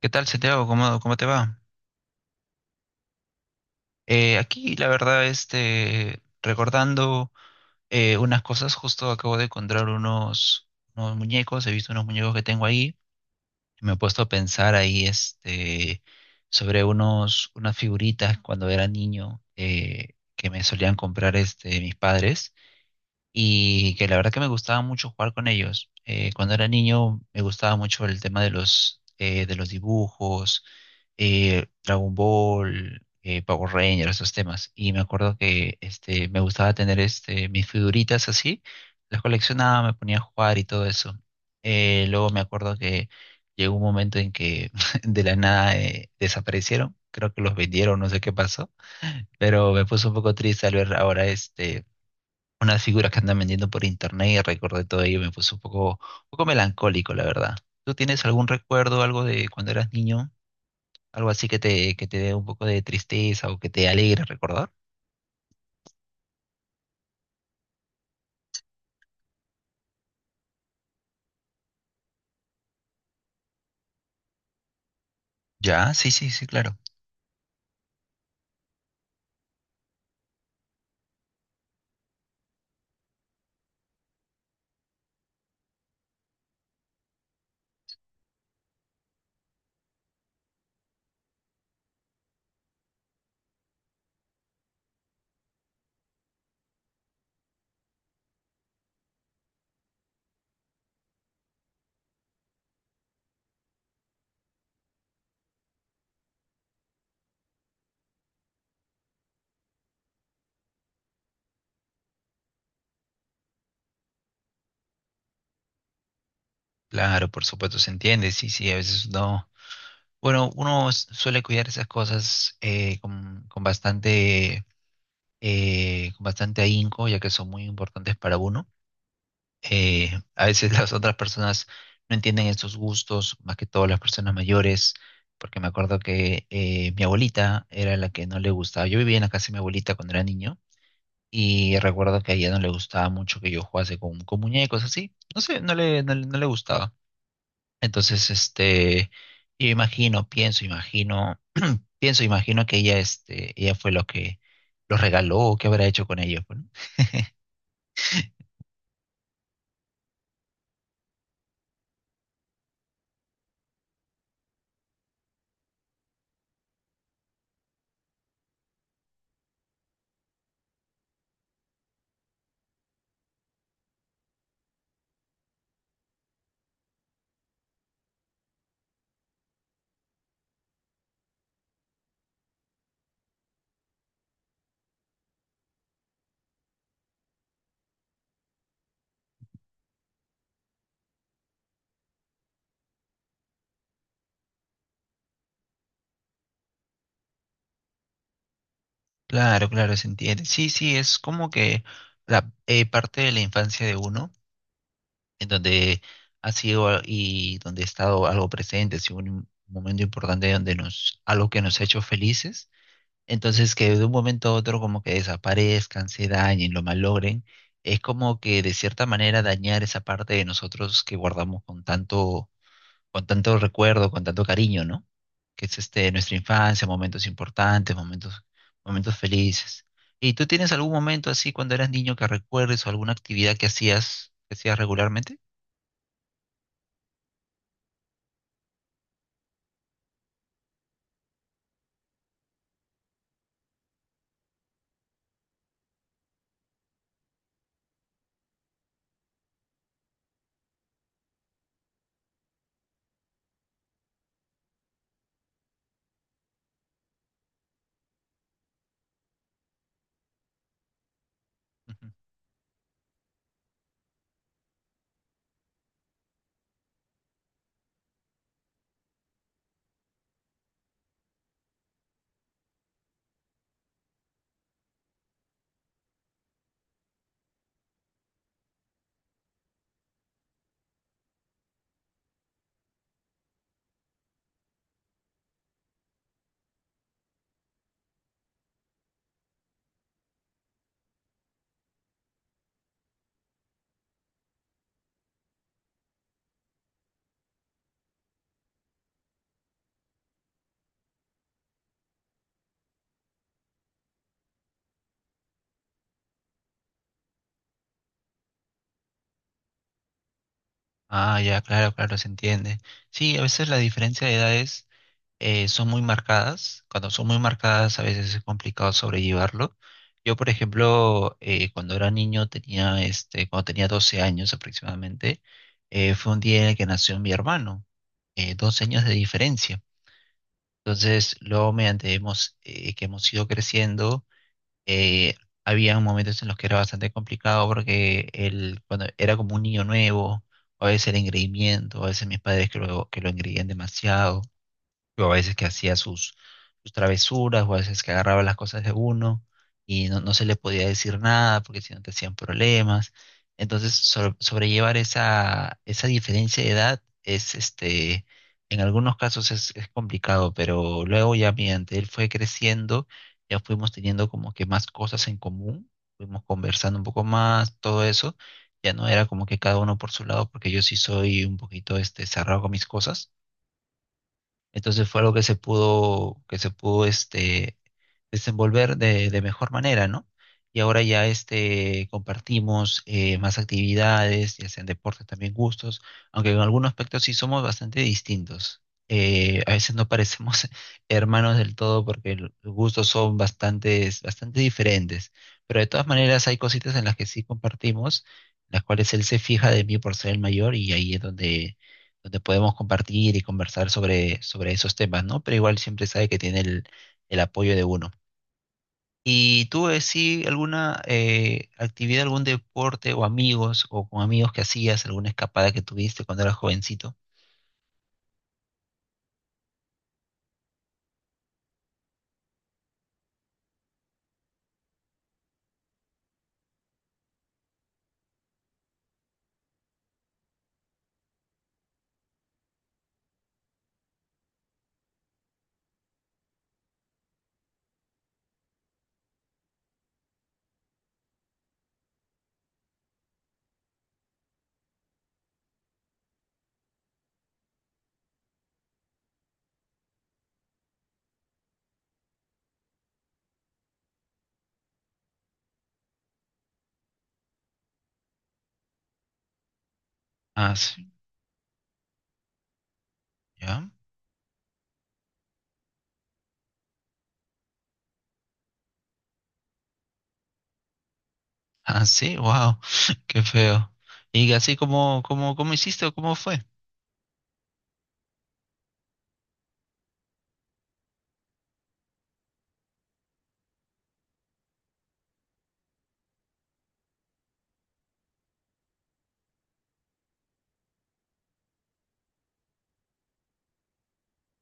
¿Qué tal, Santiago? ¿Cómo te va? Aquí, la verdad, este, recordando unas cosas, justo acabo de encontrar unos muñecos, he visto unos muñecos que tengo ahí, y me he puesto a pensar ahí, este, sobre unas figuritas cuando era niño que me solían comprar, este, mis padres. Y que la verdad que me gustaba mucho jugar con ellos. Cuando era niño me gustaba mucho el tema de los dibujos, Dragon Ball, Power Rangers, esos temas. Y me acuerdo que este, me gustaba tener este, mis figuritas así, las coleccionaba, me ponía a jugar y todo eso. Luego me acuerdo que llegó un momento en que de la nada desaparecieron. Creo que los vendieron, no sé qué pasó, pero me puso un poco triste al ver ahora este, unas figuras que andan vendiendo por internet y recordé todo ello, me puso un poco melancólico, la verdad. ¿Tú tienes algún recuerdo, algo de cuando eras niño? Algo así que te dé un poco de tristeza o que te alegre recordar. Ya, sí, sí, sí, claro. Claro, por supuesto, se entiende, sí, sí, a veces no. Bueno, uno suele cuidar esas cosas con bastante ahínco, ya que son muy importantes para uno. Eh, a veces las otras personas no entienden estos gustos, más que todo las personas mayores, porque me acuerdo que mi abuelita era la que no le gustaba. Yo vivía en la casa de mi abuelita cuando era niño y recuerdo que a ella no le gustaba mucho que yo jugase con muñecos así. No sé, no le gustaba. Entonces, este, yo imagino, pienso, imagino, pienso, imagino que ella, este, ella fue lo que los regaló, o qué habrá hecho con ellos, pues, ¿no? Claro, claro, se entiende. Sí, sí, es como que la parte de la infancia de uno, en donde ha sido y donde ha estado algo presente, ha sido un momento importante algo que nos ha hecho felices. Entonces, que de un momento a otro como que desaparezcan, se dañen, lo malogren, es como que de cierta manera dañar esa parte de nosotros que guardamos con tanto recuerdo, con tanto cariño, ¿no? Que es este, nuestra infancia, momentos importantes, momentos felices. ¿Y tú tienes algún momento así cuando eras niño que recuerdes o alguna actividad que hacías regularmente? Ujú. Ah, ya, claro, claro, se entiende. Sí, a veces la diferencia de edades son muy marcadas. Cuando son muy marcadas, a veces es complicado sobrellevarlo. Yo, por ejemplo, cuando era niño, tenía este, cuando tenía 12 años aproximadamente, fue un día en el que nació mi hermano, 12 años de diferencia. Entonces, luego, mediante que hemos ido creciendo, eh, había momentos en los que era bastante complicado porque él, cuando era como un niño nuevo, a veces era engreimiento, a veces mis padres que lo, engreían demasiado. Yo a veces que hacía sus travesuras, o a veces que agarraba las cosas de uno y no se le podía decir nada porque si no te hacían problemas. Entonces, sobrellevar esa, diferencia de edad este, en algunos casos es complicado, pero luego ya mediante él fue creciendo, ya fuimos teniendo como que más cosas en común, fuimos conversando un poco más, todo eso. Ya no era como que cada uno por su lado, porque yo sí soy un poquito, este, cerrado con mis cosas. Entonces fue algo que se pudo este, desenvolver de mejor manera, ¿no? Y ahora ya este, compartimos más actividades, ya sean deportes, también gustos, aunque en algunos aspectos sí somos bastante distintos. A veces no parecemos hermanos del todo porque los gustos son bastante, bastante diferentes, pero de todas maneras hay cositas en las que sí compartimos, las cuales él se fija de mí por ser el mayor y ahí es donde podemos compartir y conversar sobre, esos temas, ¿no? Pero igual siempre sabe que tiene el apoyo de uno. ¿Y tú, sí, alguna actividad, algún deporte o amigos o con amigos que hacías, alguna escapada que tuviste cuando eras jovencito? Ah, sí, ya. Ah, sí, wow, qué feo. Y así cómo hiciste o cómo fue.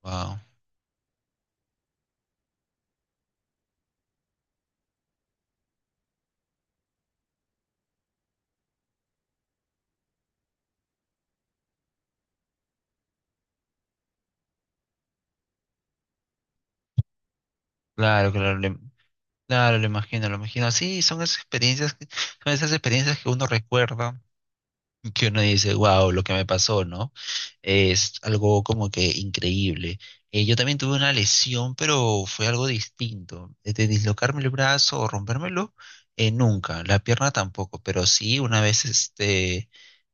Wow, claro, claro, claro, lo imagino, lo imagino. Sí, son esas experiencias, son esas experiencias que uno recuerda. Que uno dice, wow, lo que me pasó, ¿no? Es algo como que increíble. Yo también tuve una lesión, pero fue algo distinto. De dislocarme el brazo o rompérmelo, nunca. La pierna tampoco, pero sí, una vez este,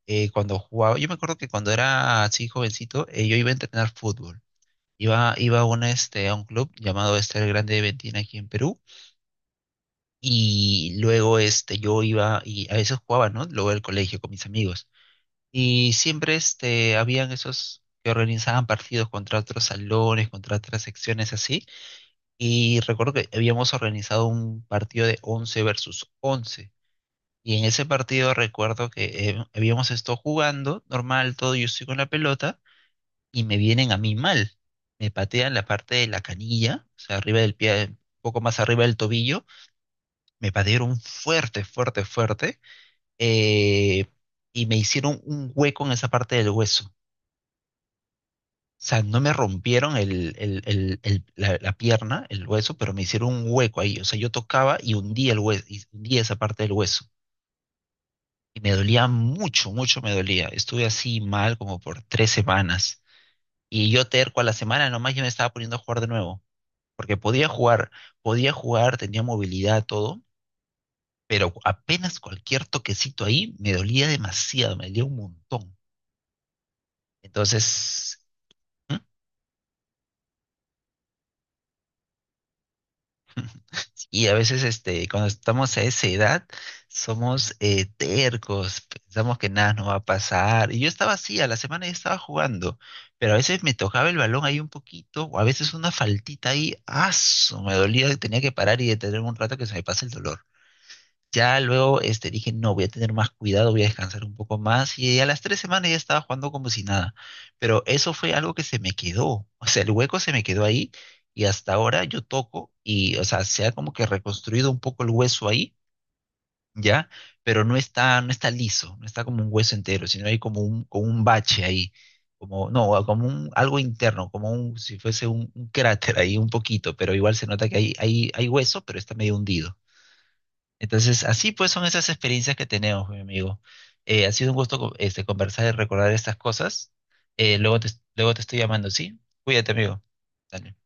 cuando jugaba, yo me acuerdo que cuando era así jovencito, yo iba a entrenar fútbol. Iba este, a un club llamado este el Grande de Ventina aquí en Perú. Y luego este, yo iba y a veces jugaba, ¿no? Luego del colegio con mis amigos. Y siempre este, habían esos que organizaban partidos contra otros salones, contra otras secciones así. Y recuerdo que habíamos organizado un partido de 11 versus 11. Y en ese partido recuerdo que habíamos estado jugando normal, todo, yo estoy con la pelota y me vienen a mí mal. Me patean la parte de la canilla, o sea, arriba del pie, un poco más arriba del tobillo. Me patearon fuerte, fuerte, fuerte. eh, y me hicieron un hueco en esa parte del hueso. Sea, no me rompieron la pierna, el hueso, pero me hicieron un hueco ahí. O sea, yo tocaba y hundía el hueso, y hundía esa parte del hueso. Y me dolía mucho, mucho me dolía. Estuve así mal como por 3 semanas. Y yo terco a la semana nomás yo me estaba poniendo a jugar de nuevo. Porque podía jugar, tenía movilidad, todo, pero apenas cualquier toquecito ahí me dolía demasiado, me dolía un montón. Entonces, ¿Mm? Y a veces, este, cuando estamos a esa edad, somos tercos, pensamos que nada nos va a pasar. Y yo estaba así, a la semana yo estaba jugando, pero a veces me tocaba el balón ahí un poquito, o a veces una faltita ahí, ¡aso! Me dolía, tenía que parar y detenerme un rato que se me pase el dolor. Ya luego este, dije, no, voy a tener más cuidado, voy a descansar un poco más. Y a las 3 semanas ya estaba jugando como si nada. Pero eso fue algo que se me quedó. O sea, el hueco se me quedó ahí y hasta ahora yo toco y, o sea, se ha como que reconstruido un poco el hueso ahí, ¿ya? Pero no está liso, no está como un hueso entero, sino hay como un, bache ahí. Como, no, como un, algo interno, como un, si fuese un cráter ahí un poquito, pero igual se nota que hay hueso, pero está medio hundido. Entonces, así pues son esas experiencias que tenemos, mi amigo. Ha sido un gusto este, conversar y recordar estas cosas. Eh, luego te, luego te estoy llamando, ¿sí? Cuídate, amigo. Dale.